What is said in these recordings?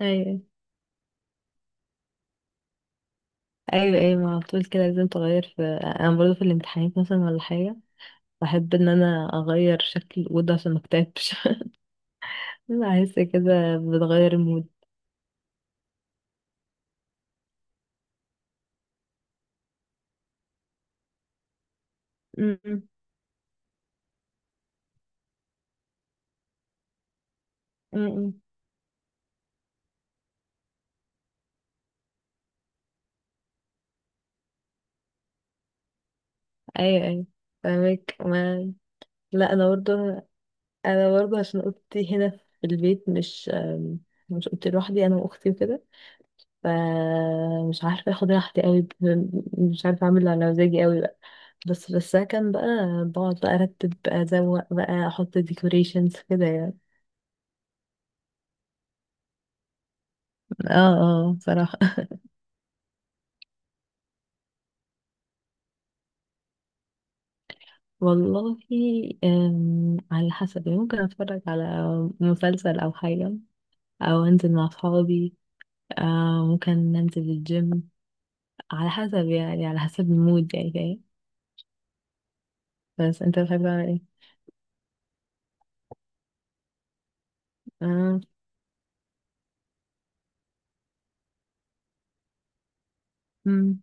ايوه، ايوه، ايوه، ما على طول كده لازم تغير، في انا برضه في الامتحانات مثلا ولا حاجه. بحب ان انا اغير شكل الاوضه عشان ما اكتئبش. بحس كده بتغير المود. م- م- م- م. ايوه، ايوه، فاهمك ما. لا، انا برضه عشان اوضتي هنا في البيت، مش اوضتي لوحدي، انا واختي وكده. فمش عارفه اخد راحتي قوي، مش عارفه اعمل اللي على مزاجي قوي، بس في السكن بقى بقعد بقى ارتب بقى ازوق بقى احط ديكوريشنز كده يعني. اه، اه، بصراحة. والله، على حسب يعني، ممكن اتفرج على مسلسل او حاجة، او انزل مع اصحابي، ممكن ننزل الجيم، على حسب يعني، على حسب المود يعني فاهم. بس انت بتحب تعمل ايه؟ اه. امم.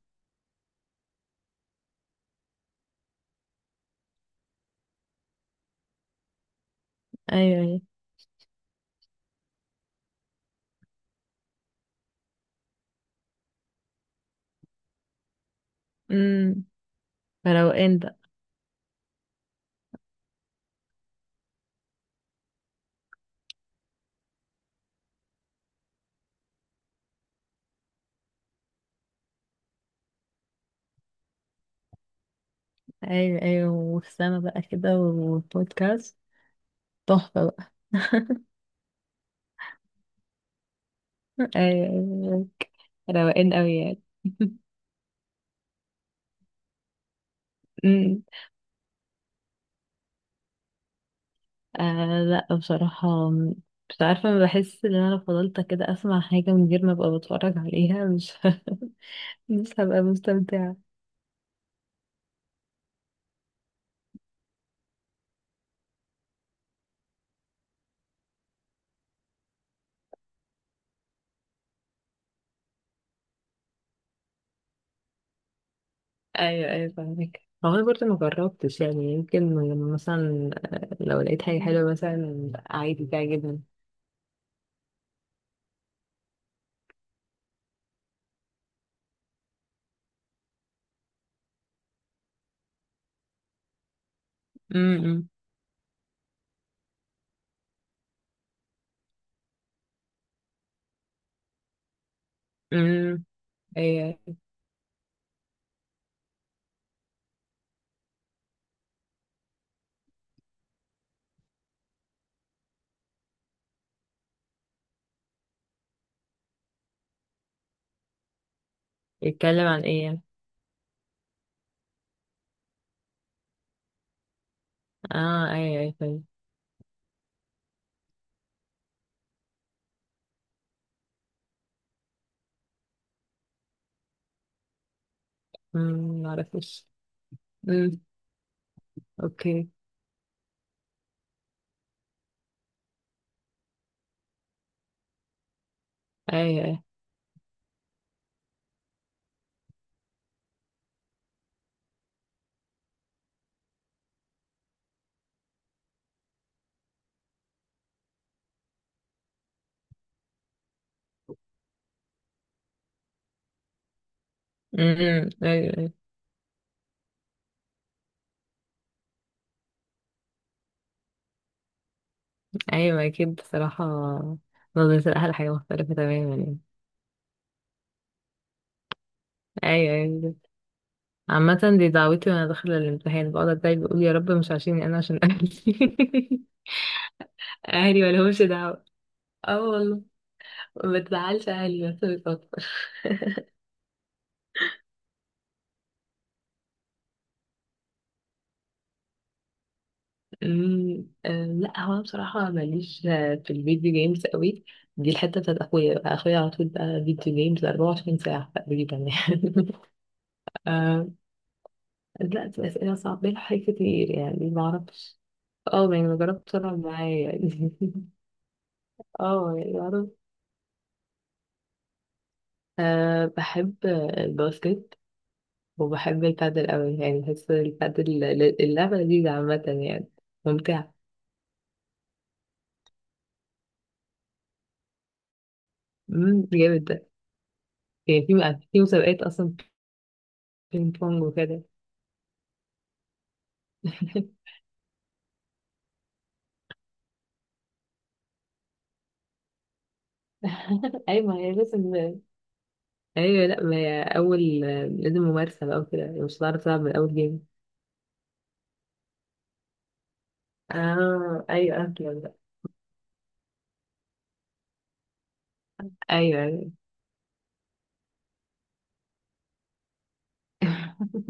ايوه، ايوه. امم. فروقان بقى. ايوه، ايوه، والسما بقى كده والبودكاست. تحفة بقى. ايوه، أيوة. روقان قوي يعني. أمم. آه، لا بصراحة، مش عارفة. بحس ان انا لو فضلت كده اسمع حاجة من غير ما ابقى بتفرج عليها، مش مش هبقى مستمتعة. ايوه، ايوه، فاهمك. هو انا برضه ما جربتش يعني، يمكن لما مثلا، لو لقيت حاجه حلوه مثلا عادي تعجبني. امم. امم. ايوه. يتكلم عن ايه يعني؟ اه، ايوه، ايوه، فاهم. امم، معرفش. امم. اوكي. ايوه، ايوه. امم. ايوه، أيوة. ايوه اكيد، بصراحه نظره الاهل حاجه مختلفه تماما يعني. ايوه، ايوه، بجد. عامه دي دعوتي وانا داخله الامتحان، بقعد اتضايق بقول يا رب مش عشاني انا، عشان اهلي. اهلي مالهمش دعوه. اه، والله ما تزعلش اهلي، بس بتوتر. أمم، آه، لا، هو انا بصراحه ماليش، في الفيديو جيمز قوي. دي الحته بتاعت اخويا بقى، اخويا على طول بقى فيديو جيمز 24 ساعه تقريبا يعني. دلوقتي أسئلة صعبة، الحاجات كتير يعني معرفش. اه يعني مجربت طلع معايا يعني. اه يعني بعرف. أه، بحب الباسكت، وبحب البادل أوي، يعني بحس البادل اللعبة لذيذة عامة يعني، ممتعة. مم، جامد ده. يعني في في مسابقات أصلا بينج بونج وكده. أيوة، ما هي لازم. أيوة، لأ ما هي أول، لازم ممارسة بقى وكده، مش هتعرف تلعب من أول جيم. اه، أيوة، أفلم بقى. أيوة، أيوة.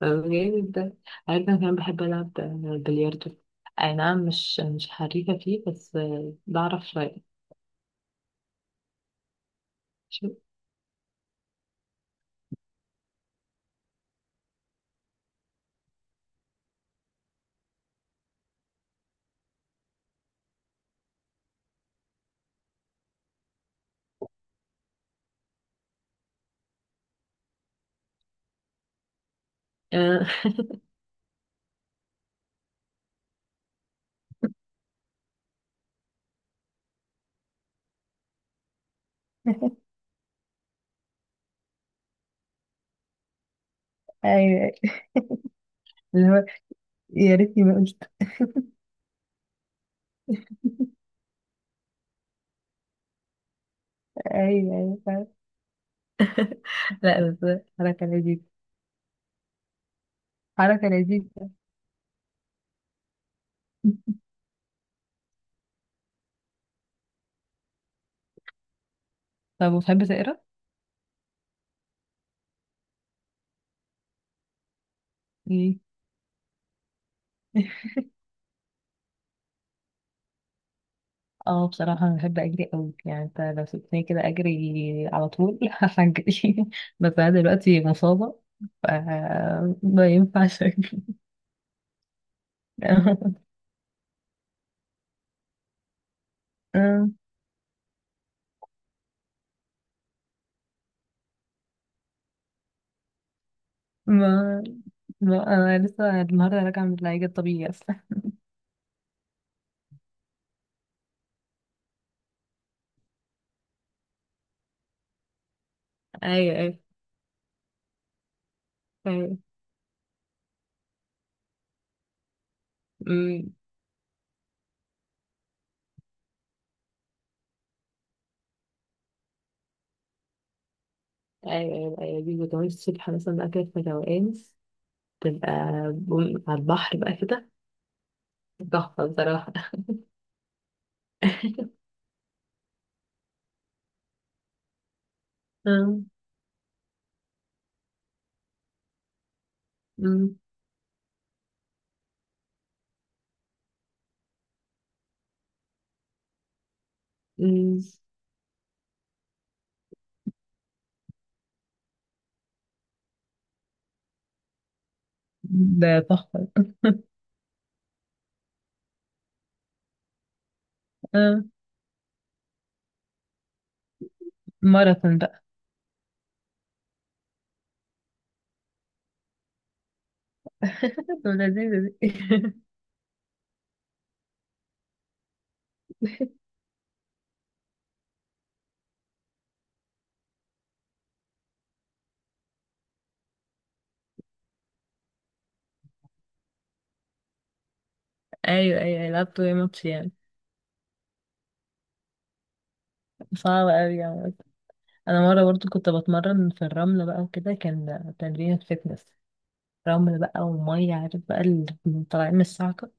طب جامد ده. عارفة أنا كمان بحب ألعب بلياردو، أي نعم مش حريفة فيه، بس بعرف شوية. شو- آه، ايوه، أيوة. اللي هو يا ريتني ما قلت. ايوه، ايوه، فعلا. لا بس حركه لذيذه. حركه لذيذه. طب وبتحب تقرا؟ مم. اه بصراحة أنا بحب أجري أوي يعني، أنت لو سبتني كده أجري على طول هجري. بس أنا دلوقتي مصابة، ف ما ينفعش أجري. ما، لا، انا لسه النهارده راجعه من العلاج الطبيعي اصلا. ايوه، ايوه، فاهم. أمم، ايوه، ايوه، ايوه، دي وكمان الصبح مثلا بقى كده في روقان، تبقى على البحر بقى كده، تحفة بصراحة. آه، أمم، أمم. ده تحفه. آه. ماراثون بقى. طب لذيذة دي. ايوه، ايوه، لعبت ايه ماتش يعني. صعب اوي يعني. انا مره برضو كنت بتمرن في الرمله بقى وكده، كان تمرين فتنس، رمل بقى وميه، عارف بقى اللي طالعين من الصعقه،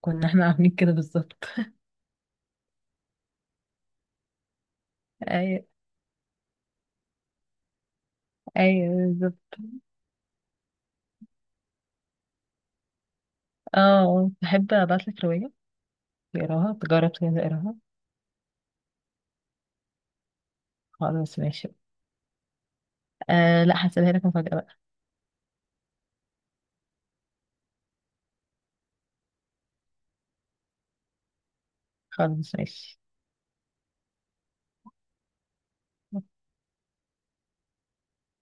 كنا احنا عاملين كده بالظبط. ايوه، ايوه، بالظبط. اه، تحب ابعتلك رواية تقراها، تجرب كده تقراها. خلاص ماشي. آه لا، هسيبها لك مفاجأة بقى. خلاص ماشي.